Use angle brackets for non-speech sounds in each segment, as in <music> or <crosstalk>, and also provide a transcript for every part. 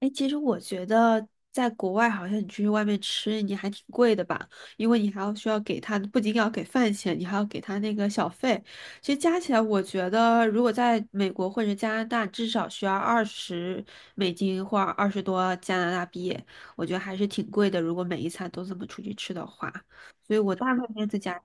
哎，其实我觉得在国外，好像你出去外面吃，你还挺贵的吧？因为你还要需要给他，不仅要给饭钱，你还要给他那个小费。其实加起来，我觉得如果在美国或者加拿大，至少需要20美金或20多加拿大币，我觉得还是挺贵的。如果每一餐都这么出去吃的话，所以我大部分时间在家。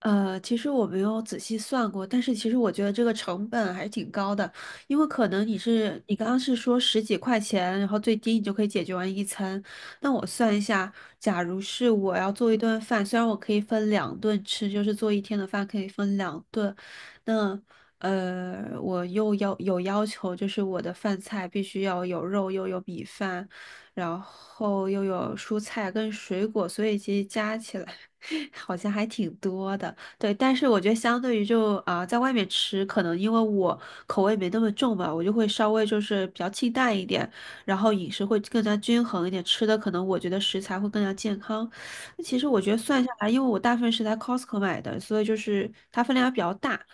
其实我没有仔细算过，但是其实我觉得这个成本还是挺高的，因为可能你刚刚是说十几块钱，然后最低你就可以解决完一餐。那我算一下，假如是我要做一顿饭，虽然我可以分两顿吃，就是做一天的饭可以分两顿，那我又要有要求，就是我的饭菜必须要有肉，又有米饭，然后又有蔬菜跟水果，所以其实加起来。<laughs> 好像还挺多的，对，但是我觉得相对于就啊、在外面吃，可能因为我口味没那么重吧，我就会稍微就是比较清淡一点，然后饮食会更加均衡一点，吃的可能我觉得食材会更加健康。那其实我觉得算下来，因为我大部分是在 Costco 买的，所以就是它分量比较大，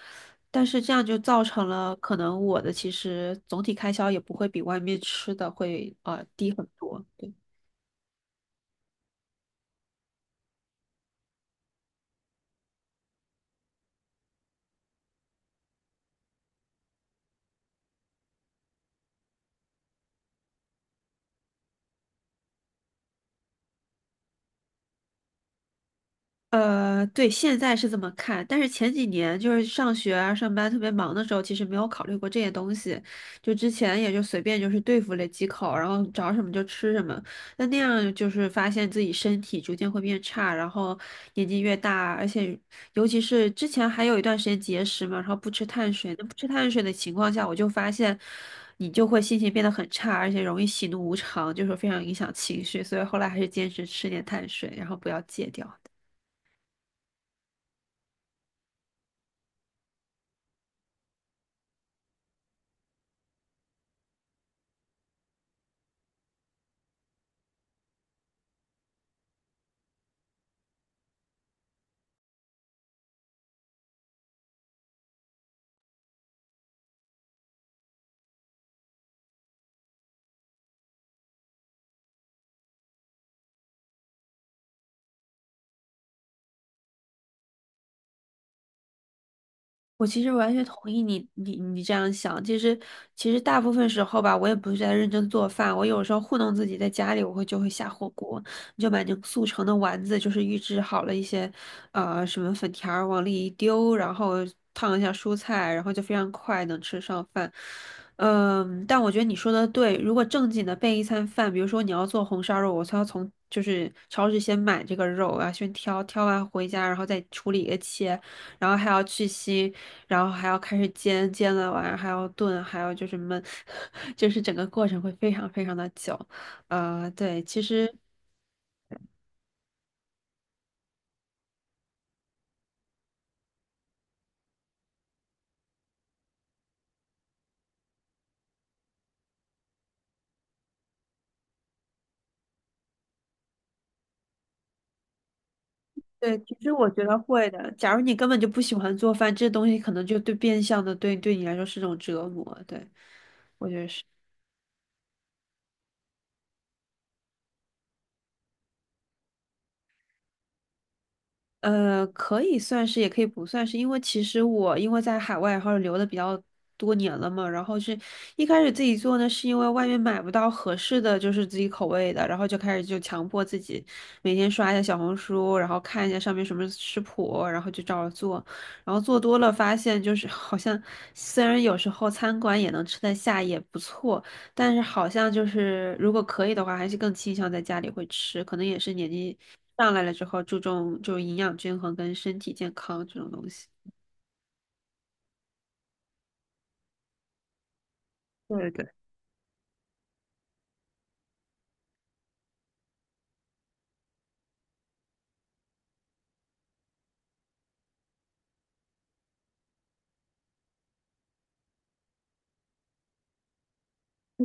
但是这样就造成了可能我的其实总体开销也不会比外面吃的会低很多。对。对，现在是这么看，但是前几年就是上学啊、上班特别忙的时候，其实没有考虑过这些东西，就之前也就随便就是对付了几口，然后找什么就吃什么。那样就是发现自己身体逐渐会变差，然后年纪越大，而且尤其是之前还有一段时间节食嘛，然后不吃碳水，那不吃碳水的情况下，我就发现你就会心情变得很差，而且容易喜怒无常，就是非常影响情绪，所以后来还是坚持吃点碳水，然后不要戒掉。我其实完全同意你，你这样想。其实，其实大部分时候吧，我也不是在认真做饭。我有时候糊弄自己，在家里我会就会下火锅，你就买那种速成的丸子，就是预制好了一些，什么粉条儿往里一丢，然后烫一下蔬菜，然后就非常快能吃上饭。嗯，但我觉得你说的对。如果正经的备一餐饭，比如说你要做红烧肉，我才要从就是超市先买这个肉，我要先挑，挑完回家，然后再处理切。然后还要去腥，然后还要开始煎，煎了完还要炖，还要就是焖，<laughs> 就是整个过程会非常非常的久。对，其实对，其实我觉得会的。假如你根本就不喜欢做饭，这东西可能就对变相的对你来说是种折磨。对，我觉得是。可以算是，也可以不算是，因为其实我因为在海外，然后留的比较多年了嘛，然后是一开始自己做呢，是因为外面买不到合适的，就是自己口味的，然后就开始就强迫自己每天刷一下小红书，然后看一下上面什么食谱，然后就照着做，然后做多了发现就是好像虽然有时候餐馆也能吃得下，也不错，但是好像就是如果可以的话，还是更倾向在家里会吃，可能也是年纪。上来了之后注重就营养均衡跟身体健康这种东西。对对对，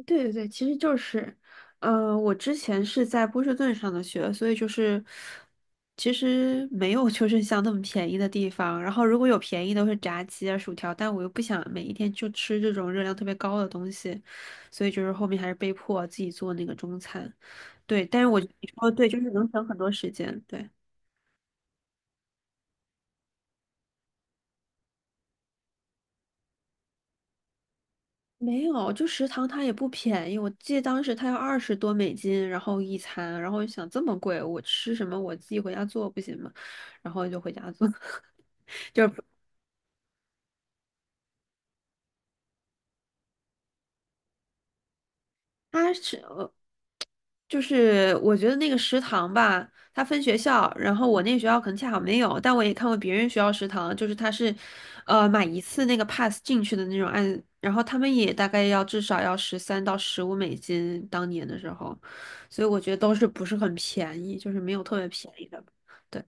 对对对其实就是，我之前是在波士顿上的学，所以就是，其实没有就是像那么便宜的地方。然后如果有便宜都是炸鸡啊、薯条，但我又不想每一天就吃这种热量特别高的东西，所以就是后面还是被迫自己做那个中餐。对，但是你说的对，就是能省很多时间。对。没有，就食堂它也不便宜，我记得当时它要20多美金，然后一餐，然后就想这么贵，我吃什么？我自己回家做不行吗？然后就回家做。<laughs> 它是，就是我觉得那个食堂吧，它分学校，然后我那个学校可能恰好没有，但我也看过别人学校食堂，就是它是，买一次那个 pass 进去的那种按，然后他们也大概要至少要13到15美金，当年的时候，所以我觉得都是不是很便宜，就是没有特别便宜的，对。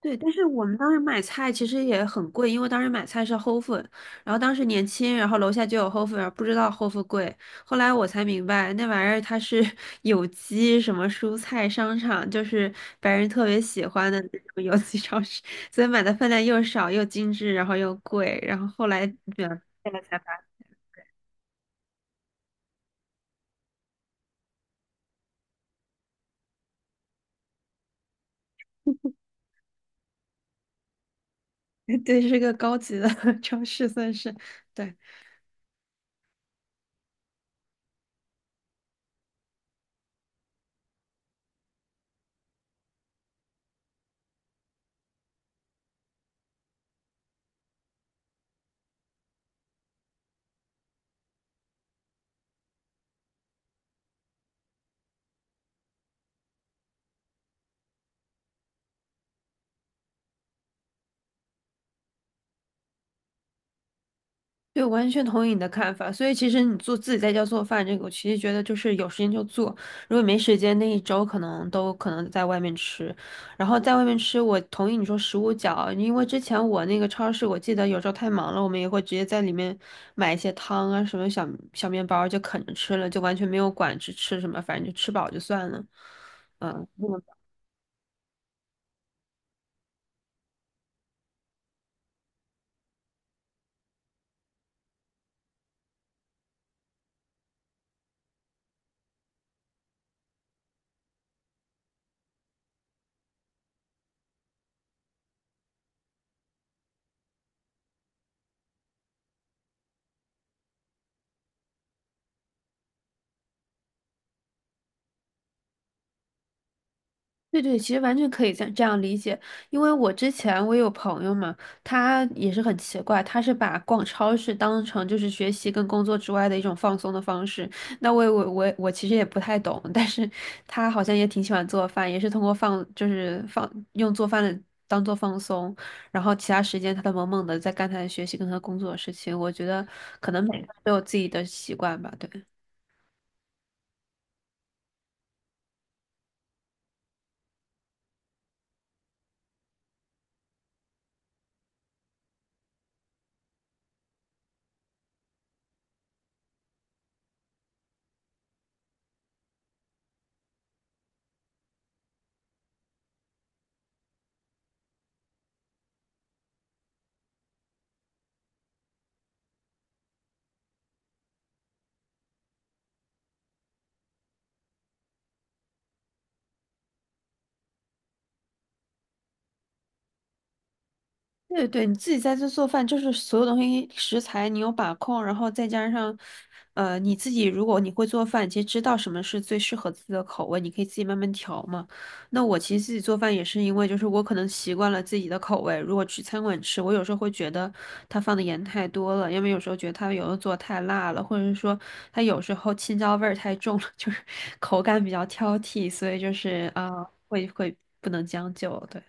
对，但是我们当时买菜其实也很贵，因为当时买菜是 Whole Food，然后当时年轻，然后楼下就有 Whole Food，然后不知道 Whole Food 贵。后来我才明白，那玩意儿它是 <laughs> 有机什么蔬菜商场，就是白人特别喜欢的那种有机超市，所以买的分量又少又精致，然后又贵。然后后来明白了才发现，<laughs> 对，是个高级的 <laughs> 超市，算是对。对，我完全同意你的看法。所以其实你做自己在家做饭这个，我其实觉得就是有时间就做，如果没时间，那一周可能都可能在外面吃。然后在外面吃，我同意你说食物角，因为之前我那个超市，我记得有时候太忙了，我们也会直接在里面买一些汤啊，什么小小面包就啃着吃了，就完全没有管吃什么，反正就吃饱就算了。嗯，嗯对对，其实完全可以这样理解，因为我之前我有朋友嘛，他也是很奇怪，他是把逛超市当成就是学习跟工作之外的一种放松的方式。那我其实也不太懂，但是他好像也挺喜欢做饭，也是通过放就是放用做饭的当做放松，然后其他时间他都萌萌的在干他的学习跟他工作的事情。我觉得可能每个人都有自己的习惯吧，对。对对，你自己在这做饭，就是所有东西食材你有把控，然后再加上，你自己如果你会做饭，其实知道什么是最适合自己的口味，你可以自己慢慢调嘛。那我其实自己做饭也是因为，就是我可能习惯了自己的口味，如果去餐馆吃，我有时候会觉得他放的盐太多了，因为有时候觉得他有的做太辣了，或者是说他有时候青椒味儿太重了，<laughs> 就是口感比较挑剔，所以就是啊，会会不能将就，对。